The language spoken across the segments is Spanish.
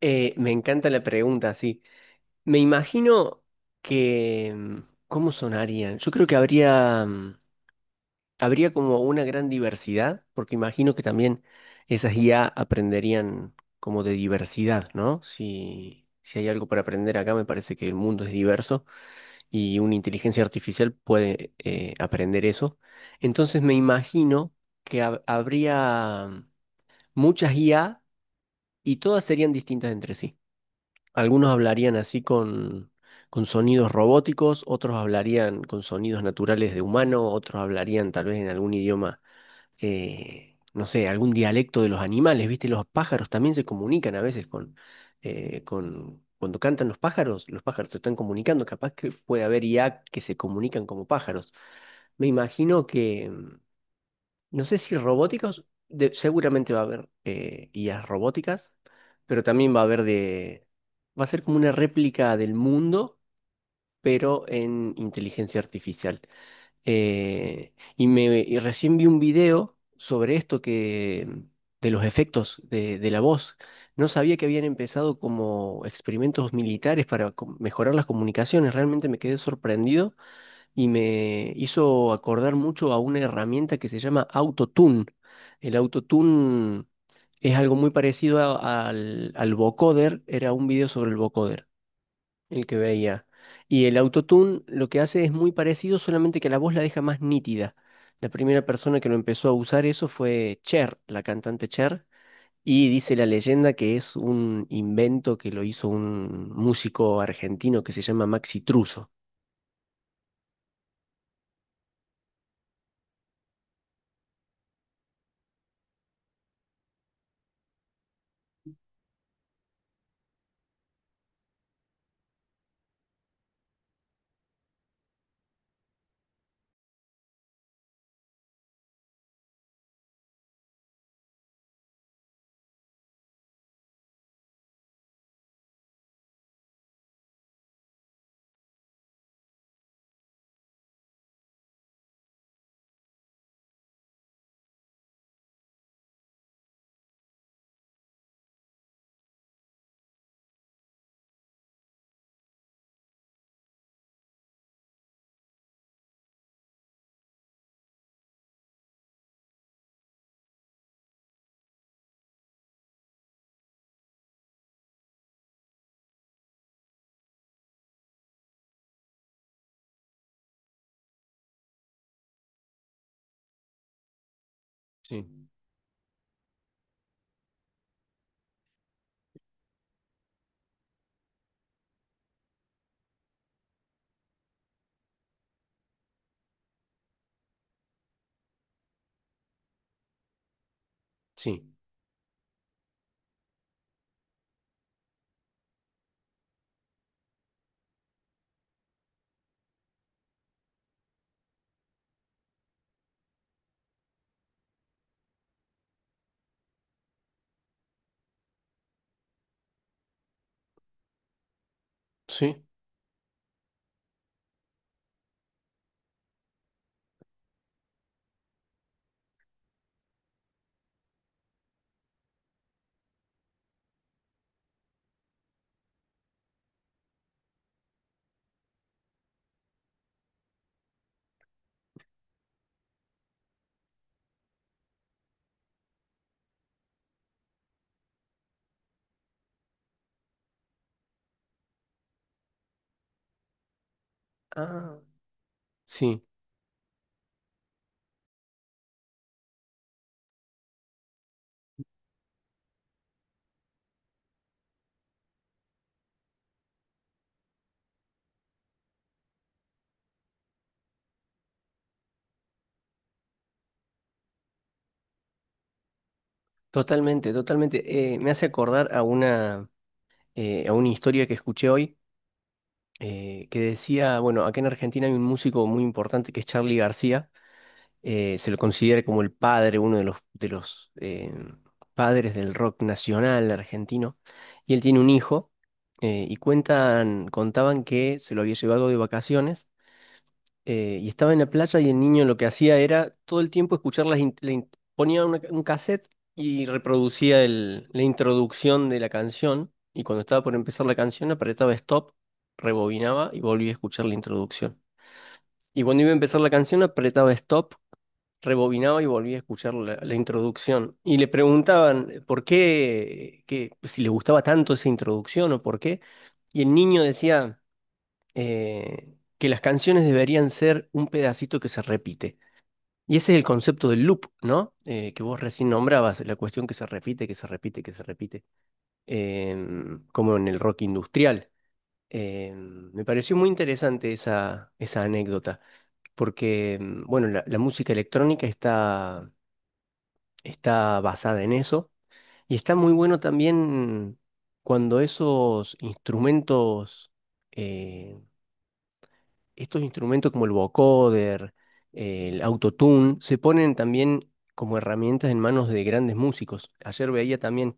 Me encanta la pregunta, sí. Me imagino que ¿cómo sonarían? Yo creo que habría como una gran diversidad, porque imagino que también esas IA aprenderían como de diversidad, ¿no? Si hay algo para aprender acá, me parece que el mundo es diverso y una inteligencia artificial puede aprender eso. Entonces me imagino que habría muchas IA y todas serían distintas entre sí. Algunos hablarían así con sonidos robóticos, otros hablarían con sonidos naturales de humano, otros hablarían tal vez en algún idioma, no sé, algún dialecto de los animales, ¿viste? Los pájaros también se comunican a veces Cuando cantan los pájaros se están comunicando, capaz que puede haber IA que se comunican como pájaros. Me imagino que... No sé si robóticos, seguramente va a haber IAs robóticas, pero también va a haber de... Va a ser como una réplica del mundo, pero en inteligencia artificial. Y recién vi un video sobre esto, de los efectos de la voz. No sabía que habían empezado como experimentos militares para mejorar las comunicaciones. Realmente me quedé sorprendido y me hizo acordar mucho a una herramienta que se llama Autotune. El Autotune es algo muy parecido al vocoder, era un video sobre el vocoder, el que veía. Y el Autotune lo que hace es muy parecido, solamente que la voz la deja más nítida. La primera persona que lo empezó a usar eso fue Cher, la cantante Cher. Y dice la leyenda que es un invento que lo hizo un músico argentino que se llama Maxi Truso. Sí, sí, sí. Ah, sí, totalmente, totalmente. Me hace acordar a una historia que escuché hoy, que decía, bueno, acá en Argentina hay un músico muy importante que es Charly García. Se lo considera como el padre, uno de los padres del rock nacional argentino. Y él tiene un hijo, y cuentan, contaban que se lo había llevado de vacaciones, y estaba en la playa y el niño lo que hacía era todo el tiempo escuchar las... in- la in- ponía un cassette y reproducía la introducción de la canción y cuando estaba por empezar la canción apretaba stop, rebobinaba y volvía a escuchar la introducción. Y cuando iba a empezar la canción apretaba stop, rebobinaba y volvía a escuchar la introducción. Y le preguntaban por qué, que, si le gustaba tanto esa introducción o por qué. Y el niño decía que las canciones deberían ser un pedacito que se repite. Y ese es el concepto del loop, ¿no? Que vos recién nombrabas, la cuestión que se repite, que se repite, que se repite, como en el rock industrial. Me pareció muy interesante esa, esa anécdota, porque, bueno, la música electrónica está, está basada en eso, y está muy bueno también cuando esos instrumentos eh, estos instrumentos como el vocoder, el autotune, se ponen también como herramientas en manos de grandes músicos. Ayer veía también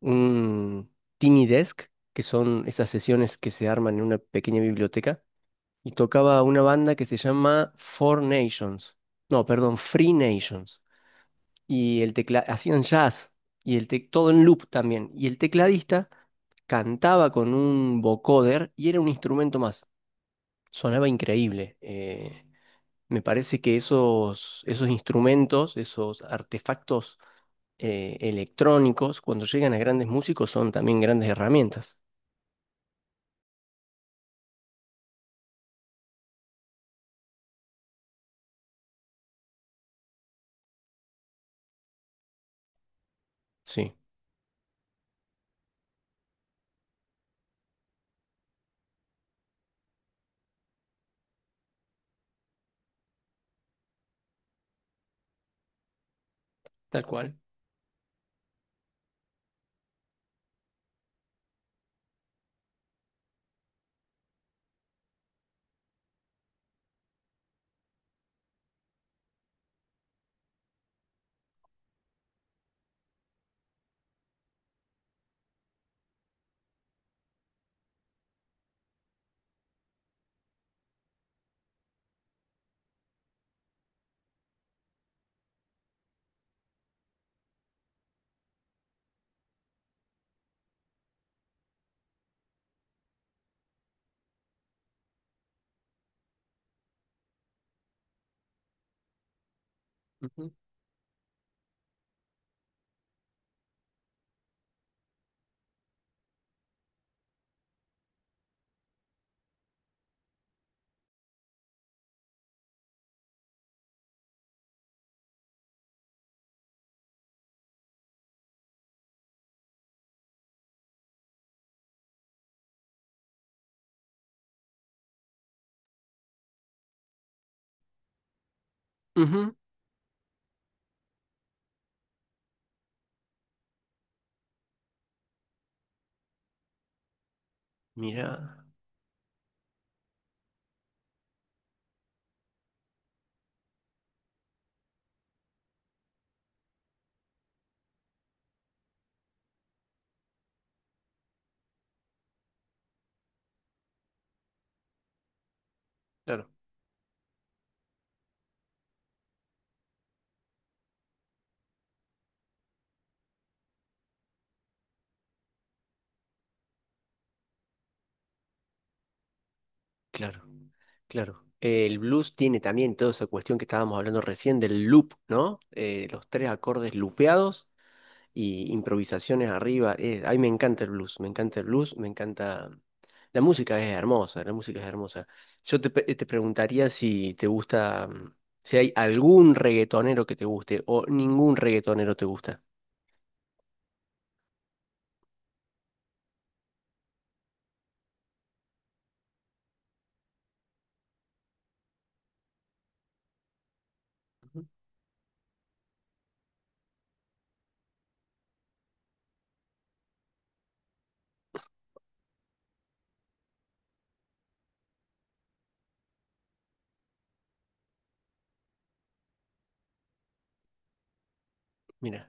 un Tiny Desk, que son esas sesiones que se arman en una pequeña biblioteca, y tocaba una banda que se llama Four Nations, no, perdón, Free Nations, y el tecla hacían jazz, y todo en loop también, y el tecladista cantaba con un vocoder y era un instrumento más. Sonaba increíble. Me parece que esos, esos instrumentos, esos artefactos electrónicos, cuando llegan a grandes músicos, son también grandes herramientas. Sí, tal cual. Ujú, ujú. Mira, claro, claro, claro. El blues tiene también toda esa cuestión que estábamos hablando recién del loop, ¿no? Los tres acordes loopeados y improvisaciones arriba. Ay, me encanta el blues, me encanta el blues, me encanta. La música es hermosa, la música es hermosa. Te preguntaría si te gusta si hay algún reggaetonero que te guste o ningún reggaetonero te gusta. Ujú. Mira,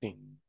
sí.